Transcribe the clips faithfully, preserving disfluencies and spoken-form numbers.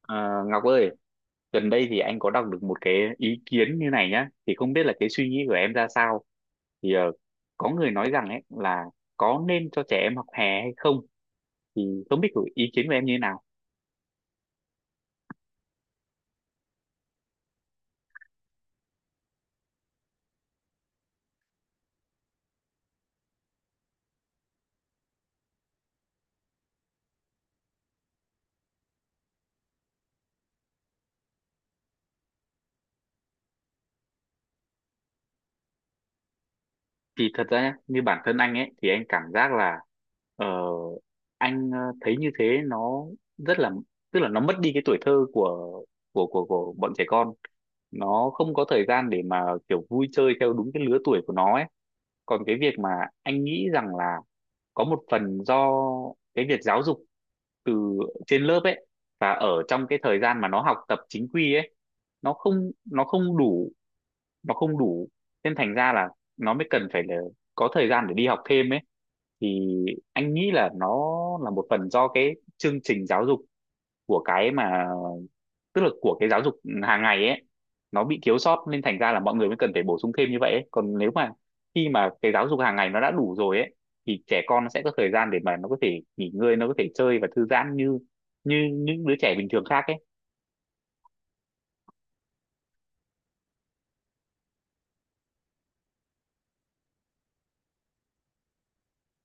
Ờ, Ngọc ơi, gần đây thì anh có đọc được một cái ý kiến như này nhá, thì không biết là cái suy nghĩ của em ra sao. Thì ờ, có người nói rằng ấy là có nên cho trẻ em học hè hay không, thì không biết của ý kiến của em như thế nào. Thì thật ra nhá, như bản thân anh ấy thì anh cảm giác là ờ, anh ờ, thấy như thế nó rất là, tức là nó mất đi cái tuổi thơ của của của của bọn trẻ con. Nó không có thời gian để mà kiểu vui chơi theo đúng cái lứa tuổi của nó ấy, còn cái việc mà anh nghĩ rằng là có một phần do cái việc giáo dục từ trên lớp ấy và ở trong cái thời gian mà nó học tập chính quy ấy, nó không nó không đủ nó không đủ, nên thành ra là nó mới cần phải là có thời gian để đi học thêm ấy. Thì anh nghĩ là nó là một phần do cái chương trình giáo dục của cái mà, tức là của cái giáo dục hàng ngày ấy, nó bị thiếu sót nên thành ra là mọi người mới cần phải bổ sung thêm như vậy ấy. Còn nếu mà khi mà cái giáo dục hàng ngày nó đã đủ rồi ấy, thì trẻ con nó sẽ có thời gian để mà nó có thể nghỉ ngơi, nó có thể chơi và thư giãn như như những đứa trẻ bình thường khác ấy.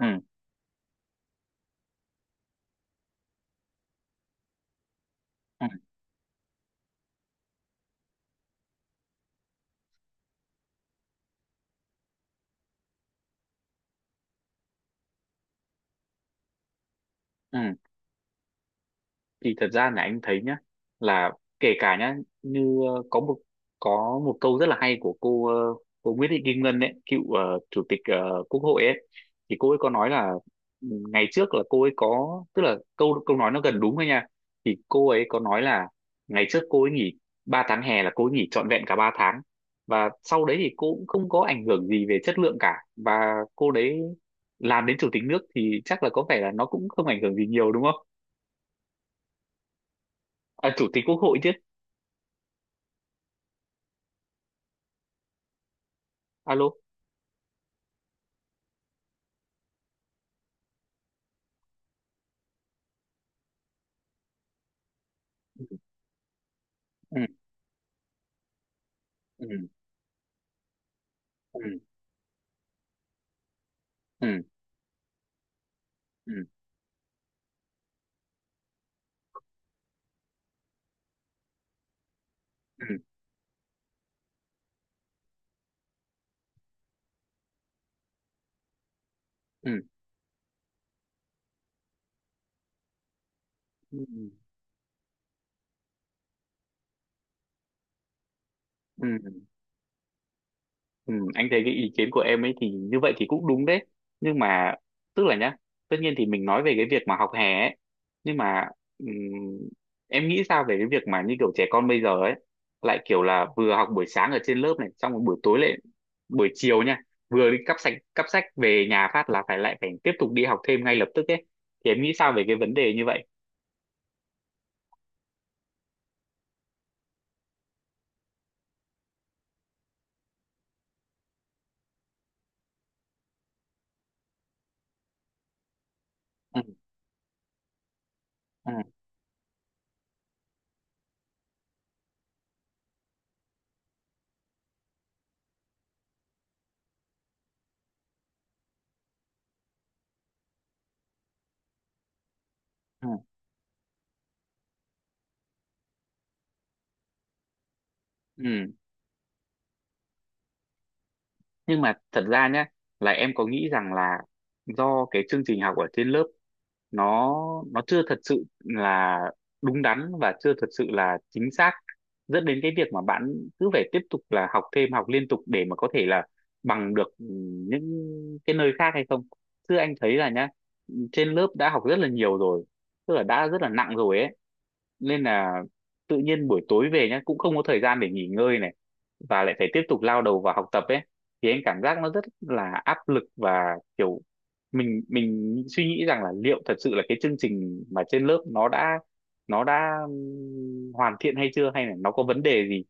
Ừ, ừ, ừ. Thì thật ra là anh thấy nhá, là kể cả nhá, như ờ, có một có một câu rất là hay của cô ờ, cô Nguyễn Thị Kim Ngân ấy, cựu ờ, chủ tịch ờ, Quốc hội ấy. Thì cô ấy có nói là ừ, ngày trước là cô ấy có, tức là câu câu nói nó gần đúng thôi nha, thì cô ấy có nói là ngày trước cô ấy nghỉ ba tháng hè là cô ấy nghỉ trọn vẹn cả ba tháng. Và sau đấy thì cô cũng không có ảnh hưởng gì về chất lượng cả, và cô đấy làm đến chủ tịch nước thì chắc là có vẻ là nó cũng không ảnh hưởng gì nhiều, đúng không? À, chủ tịch quốc hội chứ. Alo. Ừ, ừ, ừ, ừ, ừ, ừ, ừ, ừ, ừ, ừ. Anh thấy cái ý kiến của em ấy thì như vậy thì cũng đúng đấy, nhưng mà tức là nhá, tất nhiên thì mình nói về cái việc mà học hè ấy, nhưng mà ừm, em nghĩ sao về cái việc mà như kiểu trẻ con bây giờ ấy lại kiểu là vừa học buổi sáng ở trên lớp này xong rồi buổi tối lại, buổi chiều nha, vừa đi cắp sách cắp sách về nhà phát là phải lại phải tiếp tục đi học thêm ngay lập tức ấy, thì em nghĩ sao về cái vấn đề như vậy? Ừ, ừ, ừ. Nhưng mà thật ra nhé, là em có nghĩ rằng là do cái chương trình học ở trên lớp nó nó chưa thật sự là đúng đắn và chưa thật sự là chính xác, dẫn đến cái việc mà bạn cứ phải tiếp tục là học thêm, học liên tục để mà có thể là bằng được ừ, những cái nơi khác hay không. Chứ anh thấy là nhá, trên lớp đã học rất là nhiều rồi, tức là đã rất là nặng rồi ấy, nên là tự nhiên buổi tối về nhá cũng không có thời gian để nghỉ ngơi này và lại phải tiếp tục lao đầu vào học tập ấy, thì anh cảm giác nó rất là áp lực và kiểu mình mình suy nghĩ rằng là liệu thật sự là cái chương trình mà trên lớp nó đã nó đã ừm, hoàn thiện hay chưa, hay là nó có vấn đề gì.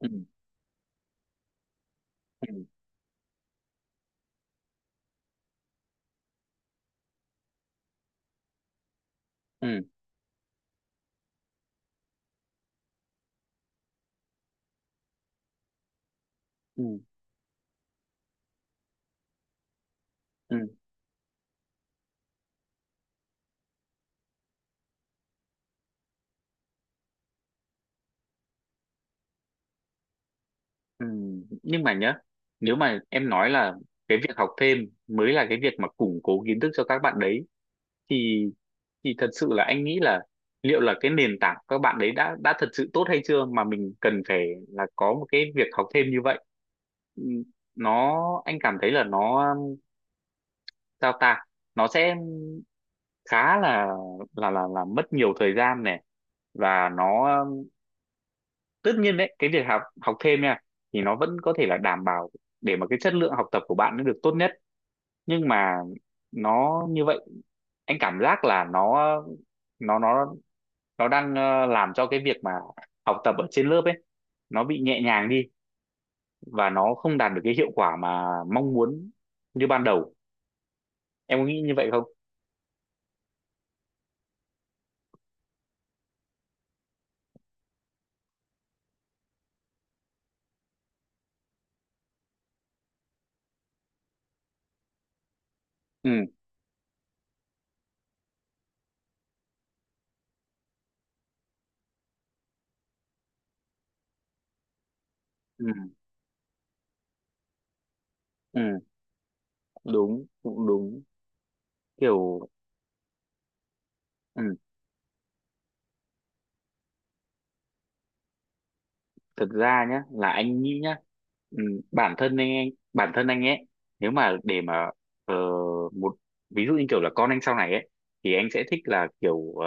Ừ, ừ, ừ, ừ, ừ, ừ. Nhưng mà nhá, nếu mà em nói là cái việc học thêm mới là cái việc mà củng cố kiến thức cho các bạn đấy, thì thì thật sự là anh nghĩ là liệu là cái nền tảng các bạn đấy đã đã thật sự tốt hay chưa mà mình cần phải là có một cái việc học thêm như vậy. Ừ, nó anh cảm thấy là nó sao ta, nó sẽ khá là là là là mất nhiều thời gian này. Và nó, tất nhiên đấy cái việc học học thêm nha, thì nó vẫn có thể là đảm bảo để mà cái chất lượng học tập của bạn nó được tốt nhất. Nhưng mà nó như vậy, anh cảm giác là nó nó nó nó đang ờ, làm cho cái việc mà học tập ở trên lớp ấy nó bị nhẹ nhàng đi và nó không đạt được cái hiệu quả mà mong muốn như ban đầu. Em có nghĩ như vậy không? Ừ, ừ, ừ. Đúng, cũng đúng, kiểu. Ừ. Thực ra nhá là anh nghĩ nhá, ừ, bản thân anh, anh bản thân anh ấy, nếu mà để mà ờ, một ví dụ như kiểu là con anh sau này ấy, thì anh sẽ thích là kiểu ờ,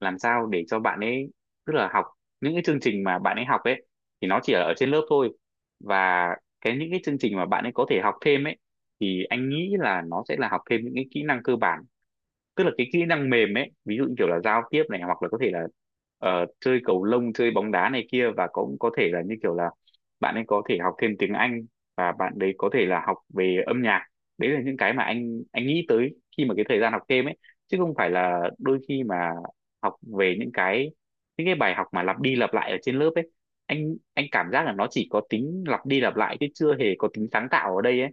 làm sao để cho bạn ấy, tức là học những cái chương trình mà bạn ấy học ấy thì nó chỉ là ở trên lớp thôi. Và cái những cái chương trình mà bạn ấy có thể học thêm ấy thì anh nghĩ là nó sẽ là học thêm những cái kỹ năng cơ bản, tức là cái kỹ năng mềm ấy, ví dụ như kiểu là giao tiếp này, hoặc là có thể là ờ, chơi cầu lông, chơi bóng đá này kia, và cũng có thể là như kiểu là bạn ấy có thể học thêm tiếng Anh, và bạn đấy có thể là học về âm nhạc. Đấy là những cái mà anh anh nghĩ tới khi mà cái thời gian học thêm ấy, chứ không phải là đôi khi mà học về những cái, những cái bài học mà lặp đi lặp lại ở trên lớp ấy. Anh anh cảm giác là nó chỉ có tính lặp đi lặp lại chứ chưa hề có tính sáng tạo ở đây ấy.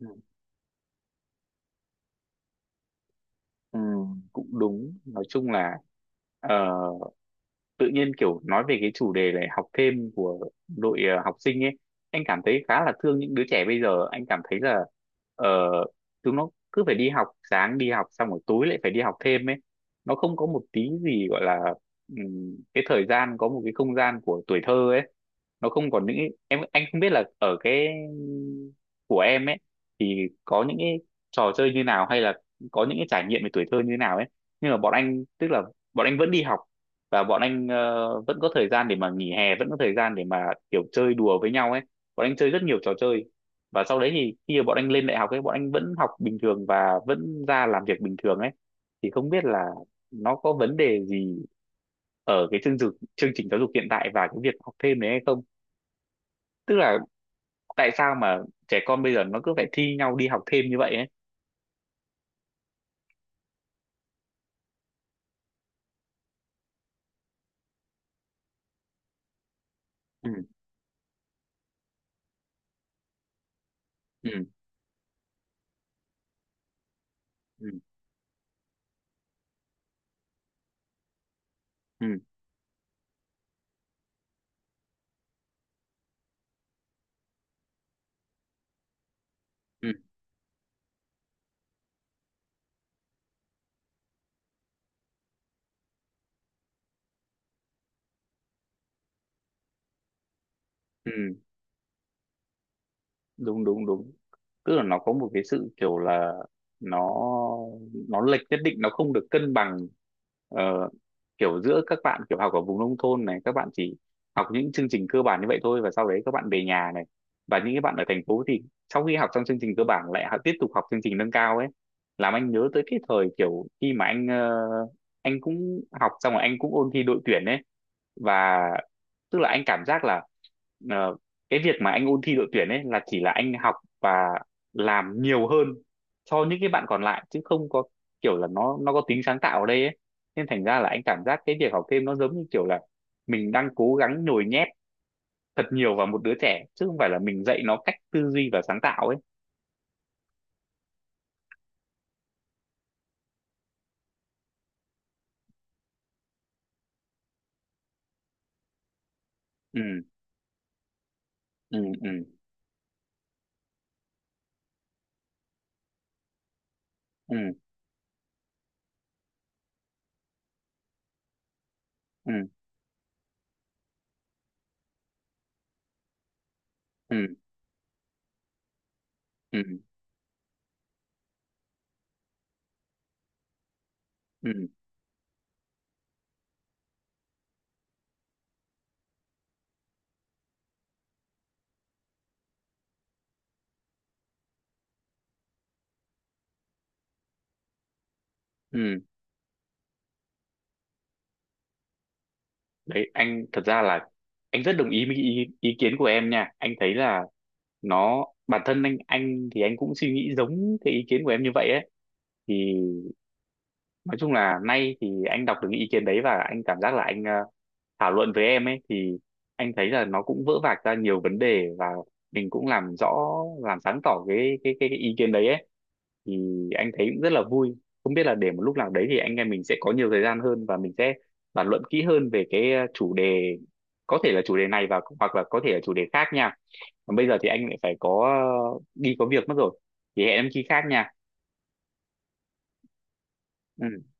Ừ. Ừ, cũng đúng, nói chung là ờ, tự nhiên kiểu nói về cái chủ đề này, học thêm của đội ờ, học sinh ấy, anh cảm thấy khá là thương những đứa trẻ bây giờ, anh cảm thấy là ờ, chúng nó cứ phải đi học sáng, đi học xong rồi tối lại phải đi học thêm ấy, nó không có một tí gì gọi là ừm, cái thời gian, có một cái không gian của tuổi thơ ấy. Nó không còn những, em, anh không biết là ở cái của em ấy thì có những cái trò chơi như nào hay là có những cái trải nghiệm về tuổi thơ như nào ấy. Nhưng mà bọn anh, tức là bọn anh vẫn đi học, và bọn anh ờ, vẫn có thời gian để mà nghỉ hè, vẫn có thời gian để mà kiểu chơi đùa với nhau ấy, bọn anh chơi rất nhiều trò chơi. Và sau đấy thì khi mà bọn anh lên đại học ấy, bọn anh vẫn học bình thường và vẫn ra làm việc bình thường ấy. Thì không biết là nó có vấn đề gì ở cái chương trình chương trình giáo dục hiện tại và cái việc học thêm đấy hay không, tức là tại sao mà trẻ con bây giờ nó cứ phải thi nhau đi học thêm như vậy ấy. Ừ, ừ, ừ, ừ, ừ. Đúng, đúng, đúng. Tức là nó có một cái sự kiểu là nó nó lệch nhất định, nó không được cân bằng. ờ, kiểu giữa các bạn kiểu học ở vùng nông thôn này, các bạn chỉ học những chương trình cơ bản như vậy thôi và sau đấy các bạn về nhà này, và những cái bạn ở thành phố thì sau khi học xong chương trình cơ bản lại học, tiếp tục học chương trình nâng cao ấy. Làm anh nhớ tới cái thời kiểu khi mà anh ờ, anh cũng học xong rồi anh cũng ôn thi đội tuyển ấy. Và tức là anh cảm giác là ờ, cái việc mà anh ôn thi đội tuyển ấy là chỉ là anh học và làm nhiều hơn so những cái bạn còn lại, chứ không có kiểu là nó nó có tính sáng tạo ở đây ấy. Nên thành ra là anh cảm giác cái việc học thêm nó giống như kiểu là mình đang cố gắng nhồi nhét thật nhiều vào một đứa trẻ chứ không phải là mình dạy nó cách tư duy và sáng tạo ấy. Ừ, ừ, ừ, ừ, ừ, ừ, ừ, ừ, ừ. Đấy anh thật ra là anh rất đồng ý với ý, ý kiến của em nha, anh thấy là nó, bản thân anh anh thì anh cũng suy nghĩ giống cái ý kiến của em như vậy ấy. Thì nói chung là nay thì anh đọc được cái ý kiến đấy và anh cảm giác là anh ờ, thảo luận với em ấy, thì anh thấy là nó cũng vỡ vạc ra nhiều vấn đề và mình cũng làm rõ, làm sáng tỏ cái cái cái, cái ý kiến đấy ấy. Thì anh thấy cũng rất là vui, không biết là để một lúc nào đấy thì anh em mình sẽ có nhiều thời gian hơn và mình sẽ bàn luận kỹ hơn về cái ờ, chủ đề, có thể là chủ đề này và hoặc là có thể là chủ đề khác nha. Còn bây giờ thì anh lại phải có đi có việc mất rồi, thì hẹn em khi khác nha. Ừ.